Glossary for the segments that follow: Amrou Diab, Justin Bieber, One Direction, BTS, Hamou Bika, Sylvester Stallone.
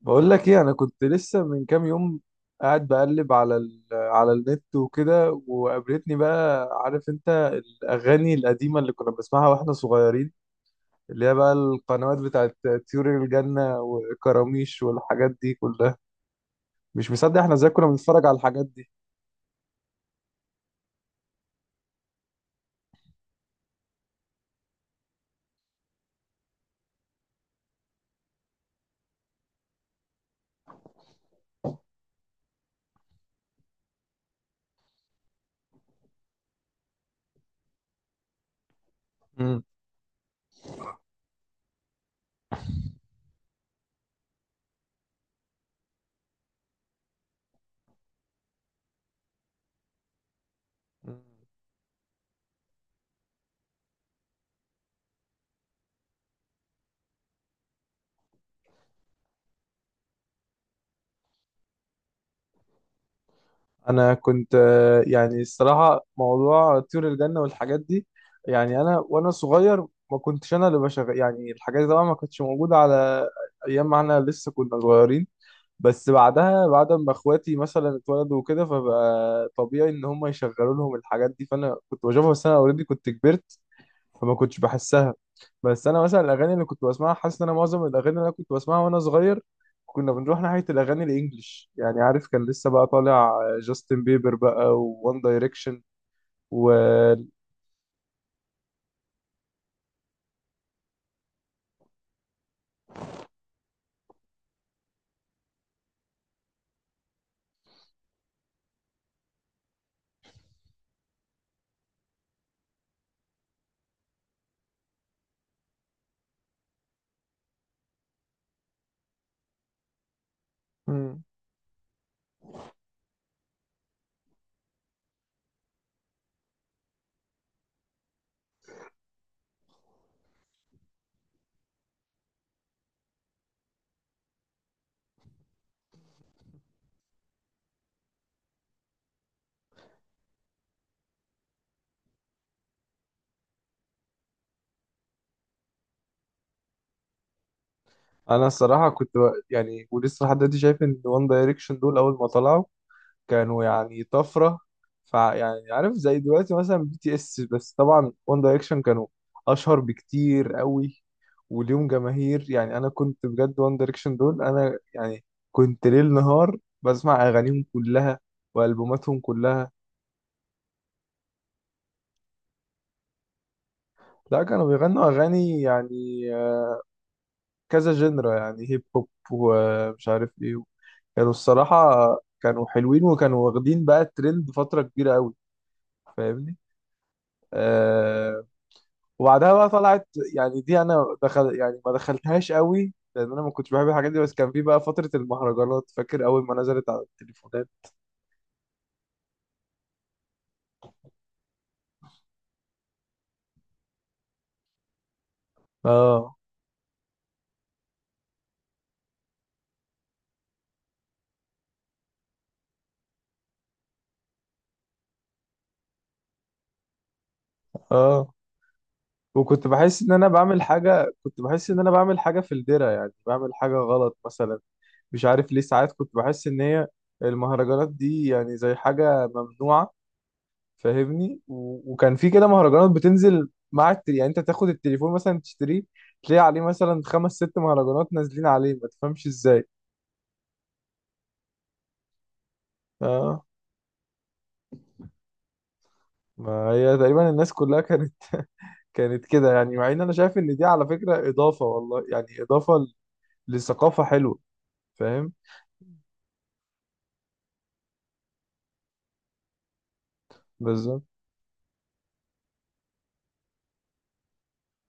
بقول لك ايه؟ انا كنت لسه من كام يوم قاعد بقلب على على النت وكده، وقابلتني بقى، عارف انت، الاغاني القديمه اللي كنا بنسمعها واحنا صغيرين، اللي هي بقى القنوات بتاعت طيور الجنه وكراميش والحاجات دي كلها. مش مصدق احنا ازاي كنا بنتفرج على الحاجات دي. امم انا كنت يعني الصراحه موضوع طيور الجنه والحاجات دي، يعني انا وانا صغير، ما كنتش انا اللي بشغل يعني الحاجات دي. طبعا ما كانتش موجوده على ايام ما احنا لسه كنا صغيرين، بس بعدها، بعد ما اخواتي مثلا اتولدوا وكده، فبقى طبيعي ان هم يشغلوا لهم الحاجات دي، فانا كنت بشوفها بس انا اوريدي كنت كبرت، فما كنتش بحسها. بس انا مثلا الاغاني اللي كنت بسمعها، حاسس ان انا معظم الاغاني اللي انا كنت بسمعها وانا صغير، كنا بنروح ناحيه الاغاني الانجليش، يعني عارف كان لسه بقى طالع جاستن بيبر بقى، وون دايركشن و One Direction. مم. انا الصراحه كنت يعني، ولسه لحد دلوقتي شايف ان وان دايركشن دول اول ما طلعوا كانوا يعني طفرة. فيعني عارف، زي دلوقتي مثلا بي تي اس، بس طبعا وان دايركشن كانوا أشهر بكتير قوي، وليهم جماهير. يعني أنا كنت بجد وان دايركشن دول، أنا يعني كنت ليل نهار بسمع أغانيهم كلها وألبوماتهم كلها. لا، كانوا بيغنوا أغاني يعني كذا جنرا، يعني هيب هوب ومش عارف إيه. كانوا الصراحة كانوا حلوين، وكانوا واخدين بقى الترند فترة كبيرة قوي. فاهمني؟ آه، وبعدها بقى طلعت، يعني دي انا دخل، يعني ما دخلتهاش قوي لان انا ما كنتش بحب الحاجات دي، بس كان في بقى فترة المهرجانات، فاكر اول ما نزلت على التليفونات. اه. اه. وكنت بحس ان انا بعمل حاجة، كنت بحس ان انا بعمل حاجة في الدرة، يعني بعمل حاجة غلط مثلا. مش عارف ليه ساعات كنت بحس ان هي المهرجانات دي يعني زي حاجة ممنوعة، فاهمني؟ وكان في كده مهرجانات بتنزل مع يعني انت تاخد التليفون مثلا تشتريه، تلاقي عليه مثلا خمس ست مهرجانات نازلين عليه، ما تفهمش ازاي. اه. ما هي تقريبا الناس كلها كانت كانت كده، يعني مع ان انا شايف ان دي على فكرة اضافة، والله يعني اضافة لثقافة حلوة، فاهم؟ بالظبط.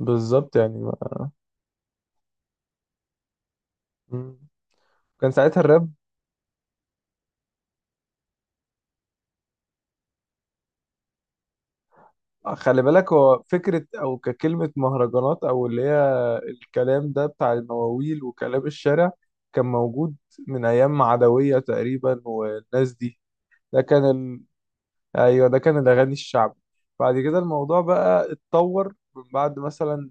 بالظبط يعني ما. مم. كان ساعتها الراب. خلي بالك، هو فكرة او ككلمة مهرجانات، او اللي هي الكلام ده بتاع المواويل وكلام الشارع، كان موجود من ايام عدوية تقريبا والناس دي. ده كان ايوه ده كان الاغاني الشعبي. بعد كده الموضوع بقى اتطور، من بعد مثلا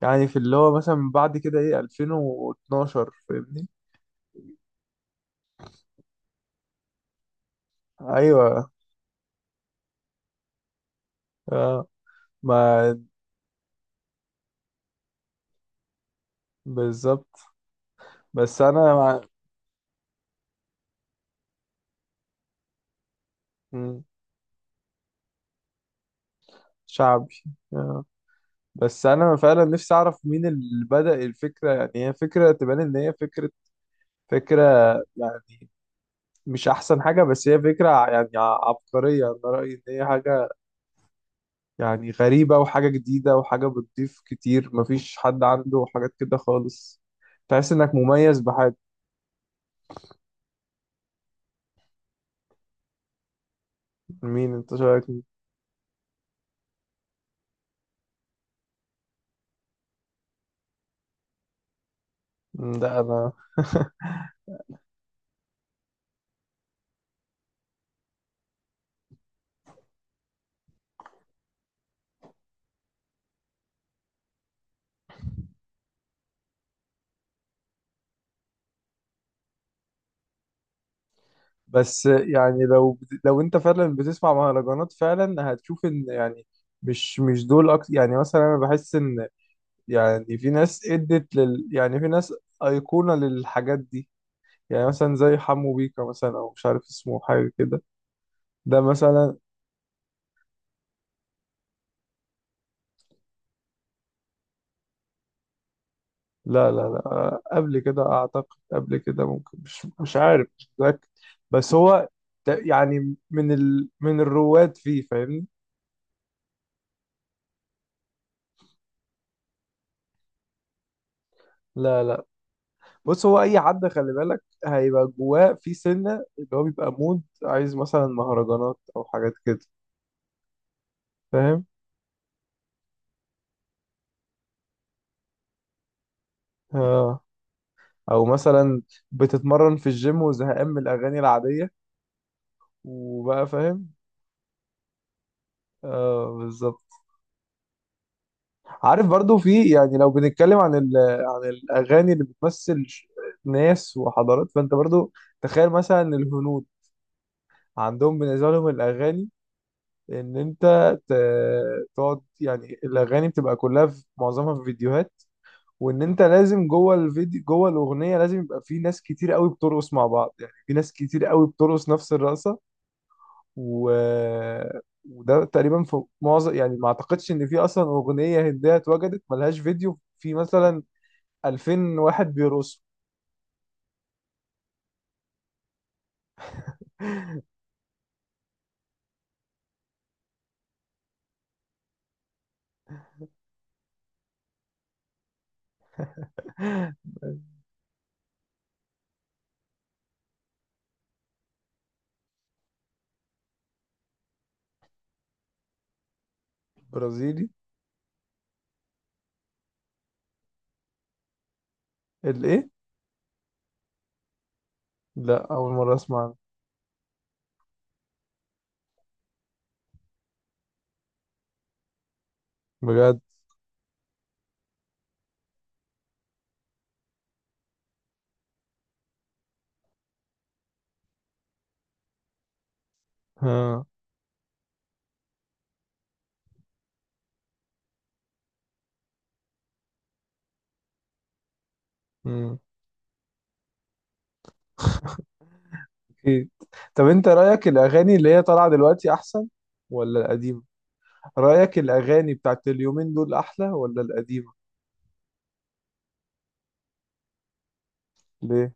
يعني في اللي هو مثلا بعد كده، ايه، 2012، فاهمني؟ ايوه. اه. ما. بالظبط. بس انا مم. شعبي. آه. بس انا فعلا نفسي اعرف مين اللي بدأ الفكره. يعني هي فكره تبان ان هي فكره يعني، مش احسن حاجه، بس هي فكره يعني عبقريه. انا رايي ان هي حاجه يعني غريبه، وحاجه جديده، وحاجه بتضيف كتير، مفيش حد عنده حاجات كده خالص، تحس انك مميز بحاجه. مين انت شايف؟ ده انا. بس يعني لو انت فعلا بتسمع مهرجانات، فعلا هتشوف ان يعني مش دول اكتر. يعني مثلا انا بحس ان، يعني في ناس ادت لل، يعني في ناس ايقونة للحاجات دي، يعني مثلا زي حمو بيكا مثلا، او مش عارف اسمه حاجة كده، ده مثلا. لا، قبل كده اعتقد. قبل كده، ممكن، مش عارف، مش متأكد. بس هو ده يعني من من الرواد فيه، فاهمني؟ لا، بص هو اي حد خلي بالك هيبقى جواه في سنه اللي هو بيبقى مود، عايز مثلا مهرجانات او حاجات كده، فاهم؟ آه. او مثلا بتتمرن في الجيم وزهقان من الاغاني العاديه، وبقى، فاهم؟ اه، بالظبط. عارف برضو في، يعني لو بنتكلم عن عن الاغاني اللي بتمثل ناس وحضارات، فانت برضو تخيل مثلا الهنود، عندهم بالنسبه لهم الاغاني، ان انت ت- تقعد، يعني الاغاني بتبقى كلها في معظمها في فيديوهات، وان انت لازم جوه الفيديو جوه الاغنيه لازم يبقى في ناس كتير قوي بترقص مع بعض، يعني في ناس كتير قوي بترقص نفس الرقصه و... وده تقريبا في معظم، يعني ما اعتقدش ان في اصلا اغنيه هنديه اتوجدت ملهاش فيديو في مثلا 2000 واحد بيرقصوا. برازيلي؟ الايه؟ لا، اول مره اسمع عنه. بجد؟ ها. امم. اكيد. طب انت رايك الاغاني اللي هي طالعه دلوقتي احسن ولا القديمه؟ رايك الاغاني بتاعت اليومين دول احلى ولا القديمه؟ ليه؟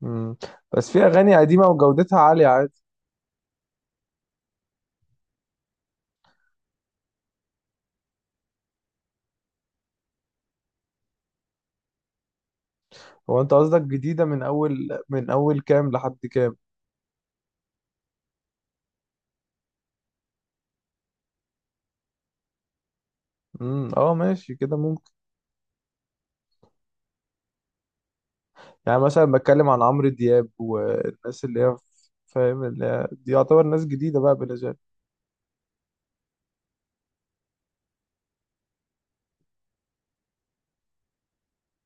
مم. بس في اغاني قديمه وجودتها عاليه عادي. هو انت قصدك جديده من اول، من اول كام لحد كام؟ امم. اه، ماشي كده، ممكن. يعني مثلا بتكلم عن عمرو دياب والناس اللي هي، فاهم، اللي هي دي يعتبر ناس جديده بقى بالنسبه لي.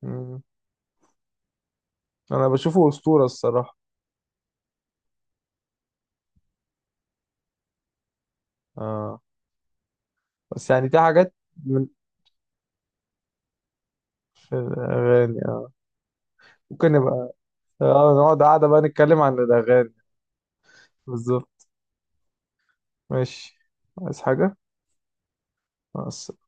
مم. انا بشوفه اسطوره الصراحه. اه. بس يعني دي حاجات من، في الاغاني، آه. ممكن نبقى، اه، نقعد قاعده بقى نتكلم عن الاغاني. بالظبط. ماشي. عايز حاجه؟ مع السلامة.